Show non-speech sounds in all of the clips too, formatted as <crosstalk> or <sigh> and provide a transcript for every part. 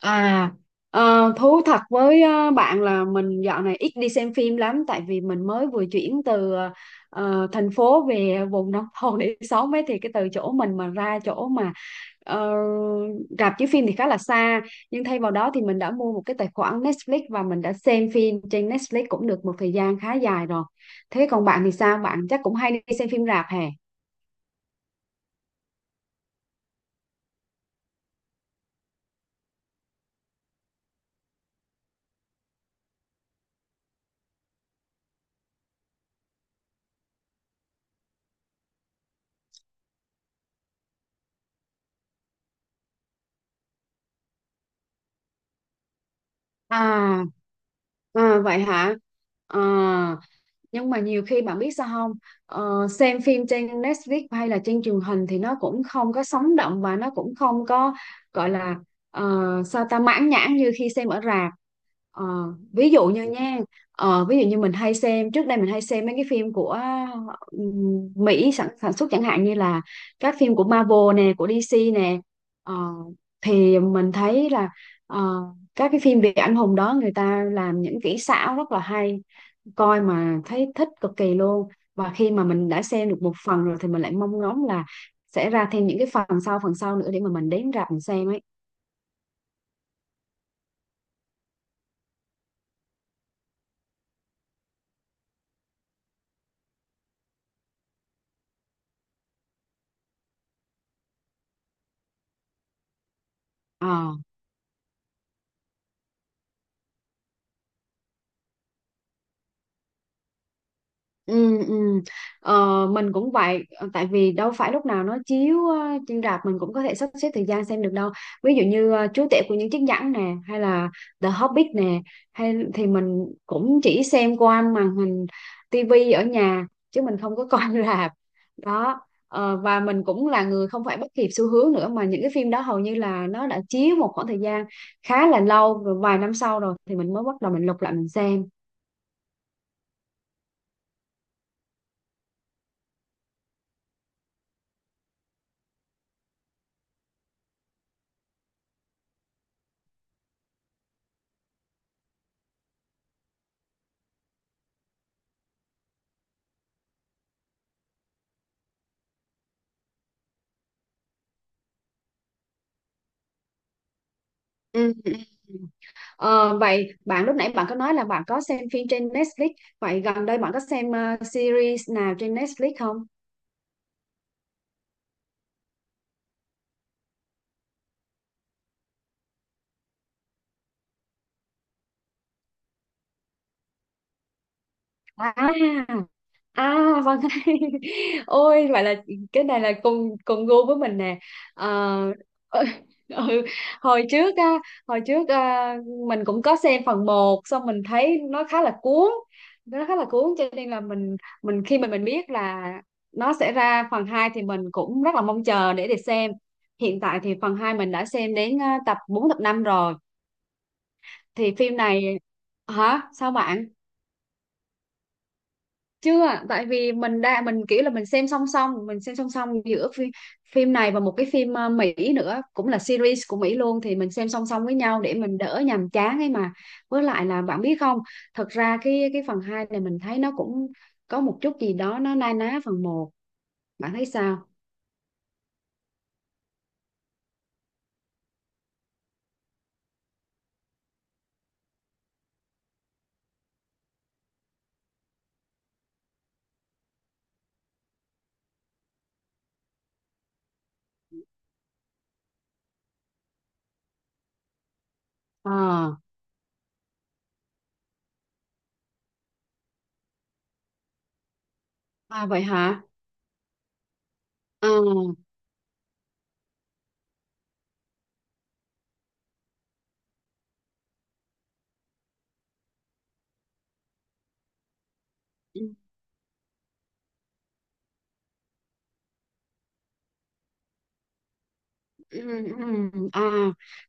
À, thú thật với bạn là mình dạo này ít đi xem phim lắm tại vì mình mới vừa chuyển từ thành phố về vùng nông thôn để sống ấy, thì cái từ chỗ mình mà ra chỗ mà ờ, rạp chiếu phim thì khá là xa. Nhưng thay vào đó thì mình đã mua một cái tài khoản Netflix và mình đã xem phim trên Netflix cũng được một thời gian khá dài rồi. Thế còn bạn thì sao? Bạn chắc cũng hay đi xem phim rạp hè? À, à vậy hả? À, nhưng mà nhiều khi bạn biết sao không, xem phim trên Netflix hay là trên truyền hình thì nó cũng không có sống động và nó cũng không có gọi là ờ, sao ta, mãn nhãn như khi xem ở rạp. Ờ, ví dụ như nha, ví dụ như mình hay xem, trước đây mình hay xem mấy cái phim của Mỹ sản xuất, chẳng hạn như là các phim của Marvel nè, của DC nè. Ờ, thì mình thấy là ờ, các cái phim về anh hùng đó người ta làm những kỹ xảo rất là hay, coi mà thấy thích cực kỳ luôn. Và khi mà mình đã xem được một phần rồi thì mình lại mong ngóng là sẽ ra thêm những cái phần sau, phần sau nữa để mà mình đến rạp mình xem ấy. Ờ. Ừ, ừ. Ờ, mình cũng vậy. Ờ, Tại vì đâu phải lúc nào nó chiếu trên rạp mình cũng có thể sắp xếp thời gian xem được đâu. Ví dụ như Chúa Tể của những chiếc nhẫn nè, hay là The Hobbit nè, hay, thì mình cũng chỉ xem qua màn hình tivi ở nhà chứ mình không có coi <laughs> rạp đó. Ờ, và mình cũng là người không phải bắt kịp xu hướng nữa, mà những cái phim đó hầu như là nó đã chiếu một khoảng thời gian khá là lâu rồi, vài năm sau rồi thì mình mới bắt đầu mình lục lại mình xem. Ừ, ừ. Ờ, vậy bạn lúc nãy bạn có nói là bạn có xem phim trên Netflix. Vậy gần đây bạn có xem series nào trên Netflix không? À. À, vâng. <laughs> Ôi, vậy là cái này là cùng cùng gu với mình nè. Ờ, ừ, <laughs> ừ, hồi trước á hồi trước, à, mình cũng có xem phần một xong mình thấy nó khá là cuốn, nó khá là cuốn cho nên là mình, khi mà mình biết là nó sẽ ra phần 2 thì mình cũng rất là mong chờ để xem. Hiện tại thì phần 2 mình đã xem đến tập 4 tập 5 rồi, thì phim này, hả, sao bạn? Chưa, tại vì mình kiểu là mình xem song song, giữa phim này và một cái phim Mỹ nữa, cũng là series của Mỹ luôn, thì mình xem song song với nhau để mình đỡ nhàm chán ấy mà. Với lại là bạn biết không, thật ra cái phần 2 này mình thấy nó cũng có một chút gì đó nó na ná phần một, bạn thấy sao? À, à vậy hả? À. Ừ, ừ, à,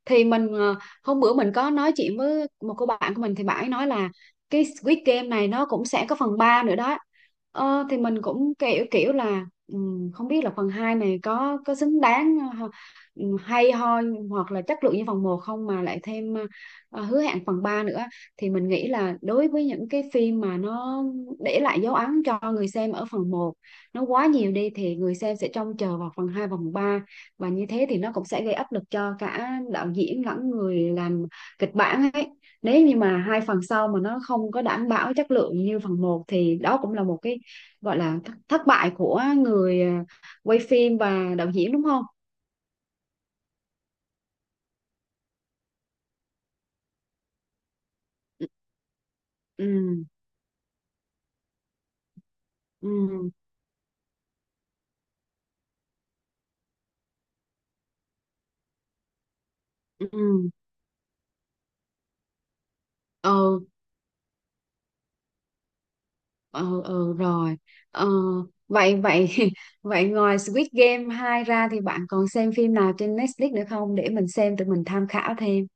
thì mình, hôm bữa mình có nói chuyện với một cô bạn của mình thì bạn ấy nói là cái Squid Game này nó cũng sẽ có phần 3 nữa đó. Thì mình cũng kiểu, là, không biết là phần 2 này có xứng đáng hay ho hoặc là chất lượng như phần một không, mà lại thêm hứa hẹn phần 3 nữa. Thì mình nghĩ là đối với những cái phim mà nó để lại dấu ấn cho người xem ở phần một nó quá nhiều đi, thì người xem sẽ trông chờ vào phần 2 và phần ba, và như thế thì nó cũng sẽ gây áp lực cho cả đạo diễn lẫn người làm kịch bản ấy. Nếu như mà hai phần sau mà nó không có đảm bảo chất lượng như phần một thì đó cũng là một cái gọi là thất bại của người, quay phim và đạo diễn, đúng không? Ừ, ừ, ừ, ừ, ừ, ừ rồi. ờ, vậy vậy <laughs> vậy ngoài Squid Game 2 ra thì bạn còn xem phim nào trên Netflix nữa không để mình xem, tụi mình tham khảo thêm.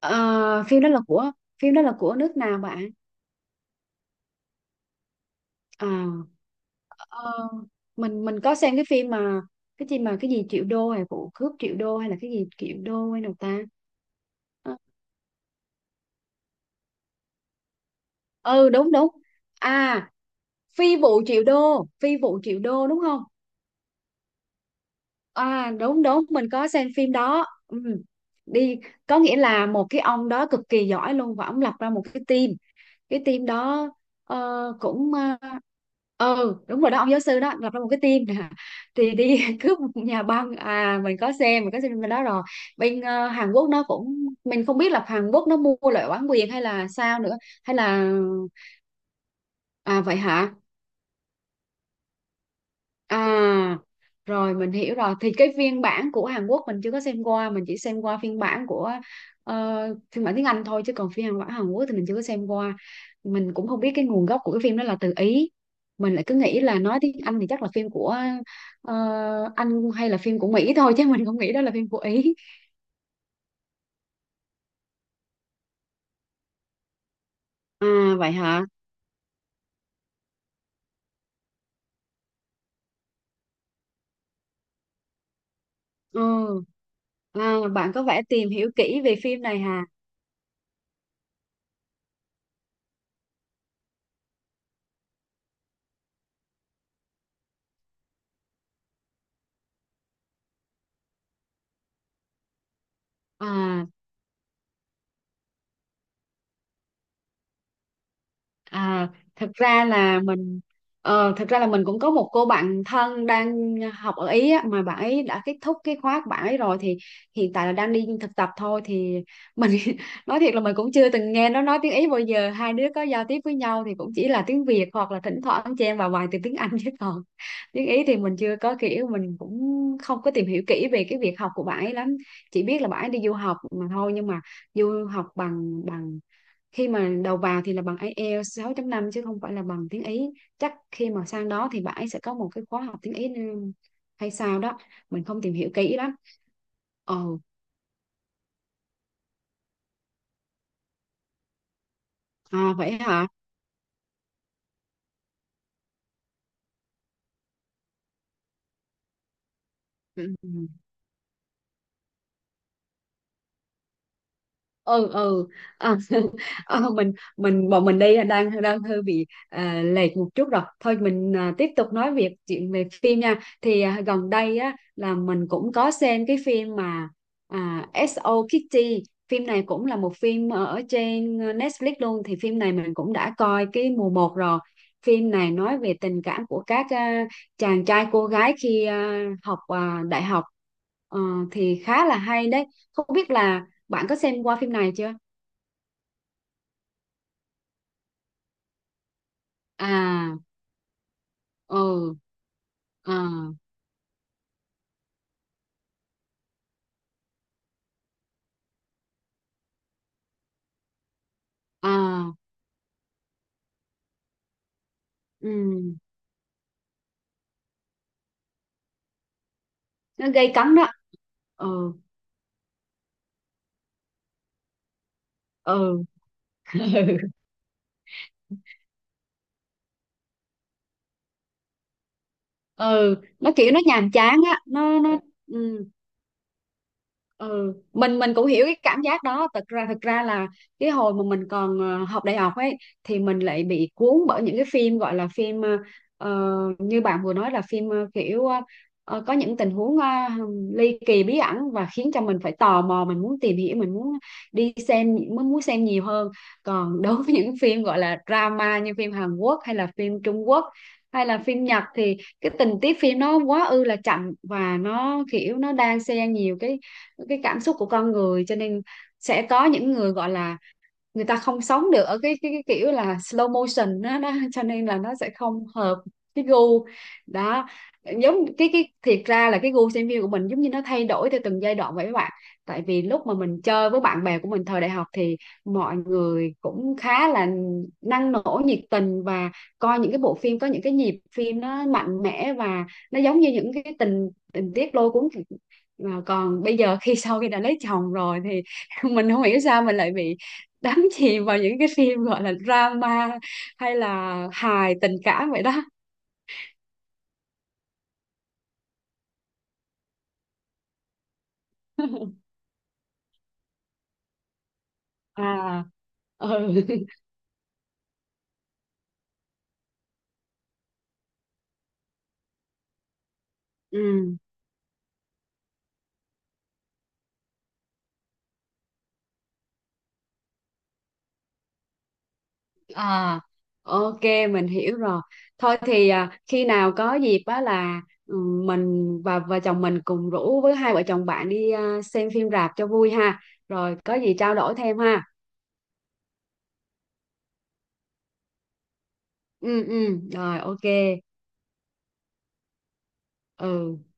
Ờ, phim đó là của nước nào bạn? À, ờ, mình có xem cái phim mà cái gì mà, cái gì triệu đô hay vụ cướp triệu đô hay là cái gì triệu đô hay nào ta? Ờ. Ừ, đúng đúng. À, phi vụ triệu đô, phi vụ triệu đô đúng không? À đúng đúng, mình có xem phim đó. Ừ. Đi, có nghĩa là một cái ông đó cực kỳ giỏi luôn, và ông lập ra một cái team, cái team đó ờ, cũng ừ, đúng rồi đó, ông giáo sư đó lập ra một cái team nè, thì đi <laughs> cướp một nhà băng. À, mình có xem bên đó rồi, bên Hàn Quốc nó cũng, mình không biết là Hàn Quốc nó mua lại bản quyền hay là sao nữa, hay là, à vậy hả? À, rồi mình hiểu rồi. Thì cái phiên bản của Hàn Quốc mình chưa có xem qua, mình chỉ xem qua phiên bản của, ờ, phiên bản tiếng Anh thôi, chứ còn phiên bản Hàn Quốc thì mình chưa có xem qua. Mình cũng không biết cái nguồn gốc của cái phim đó là từ Ý. Mình lại cứ nghĩ là nói tiếng Anh thì chắc là phim của ờ, Anh hay là phim của Mỹ thôi, chứ mình không nghĩ đó là phim của Ý. À vậy hả? Ừ. À, bạn có vẻ tìm hiểu kỹ về phim này hả? À. À, thật ra là mình, cũng có một cô bạn thân đang học ở Ý á, mà bạn ấy đã kết thúc cái khóa của bạn ấy rồi, thì hiện tại là đang đi thực tập thôi. Thì mình <laughs> nói thiệt là mình cũng chưa từng nghe nó nói tiếng Ý bao giờ, hai đứa có giao tiếp với nhau thì cũng chỉ là tiếng Việt hoặc là thỉnh thoảng chen vào vài từ tiếng Anh <laughs> chứ còn tiếng Ý thì mình chưa có, kiểu mình cũng không có tìm hiểu kỹ về cái việc học của bạn ấy lắm, chỉ biết là bạn ấy đi du học mà thôi. Nhưng mà du học bằng bằng, khi mà đầu vào thì là bằng IELTS 6.5 chứ không phải là bằng tiếng Ý. Chắc khi mà sang đó thì bạn ấy sẽ có một cái khóa học tiếng Ý nữa hay sao đó, mình không tìm hiểu kỹ lắm. Ồ, à vậy hả? Ừ. Ừ. Ừ, ừ. À, <laughs> mình bọn mình đang, hơi bị lệch một chút rồi, thôi mình tiếp tục nói chuyện về phim nha. Thì gần đây á là mình cũng có xem cái phim mà, S.O. Kitty. Phim này cũng là một phim ở trên Netflix luôn, thì phim này mình cũng đã coi cái mùa một rồi. Phim này nói về tình cảm của các chàng trai cô gái khi học đại học. Ờ, thì khá là hay đấy, không biết là bạn có xem qua phim này chưa? À, ừ, à, à, ừ, nó gây cấn đó. Ừ, ừ, <laughs> ừ, ừ, nó kiểu nó nhàm chán á, nó ừ. Ừ, mình cũng hiểu cái cảm giác đó, thật ra, là cái hồi mà mình còn học đại học ấy, thì mình lại bị cuốn bởi những cái phim gọi là phim, như bạn vừa nói là phim kiểu có những tình huống ly kỳ bí ẩn, và khiến cho mình phải tò mò, mình muốn tìm hiểu, mình muốn đi xem, muốn muốn xem nhiều hơn. Còn <laughs> đối với những phim gọi là drama như phim Hàn Quốc hay là phim Trung Quốc hay là phim Nhật thì cái tình tiết phim nó quá ư là chậm, và nó kiểu nó đang xen nhiều cái cảm xúc của con người, cho nên sẽ có những người gọi là, người ta không sống được ở cái, kiểu là slow motion đó, đó cho nên là nó sẽ không hợp cái gu đó. Giống cái, thiệt ra là cái gu xem phim của mình giống như nó thay đổi theo từng giai đoạn vậy các bạn. Tại vì lúc mà mình chơi với bạn bè của mình thời đại học thì mọi người cũng khá là năng nổ, nhiệt tình, và coi những cái bộ phim có những cái nhịp phim nó mạnh mẽ và nó giống như những cái tình tình tiết lôi cuốn. Mà còn bây giờ, khi sau khi đã lấy chồng rồi thì <laughs> mình không hiểu sao mình lại bị đắm chìm vào những cái phim gọi là drama hay là hài tình cảm vậy đó. À. Ừ. <laughs> Ừ. À, ok, mình hiểu rồi. Thôi thì khi nào có dịp á là, ừ, mình và vợ chồng mình cùng rủ với hai vợ chồng bạn đi xem phim rạp cho vui ha, rồi có gì trao đổi thêm ha. Ừ, ừ rồi, ok. Ừ.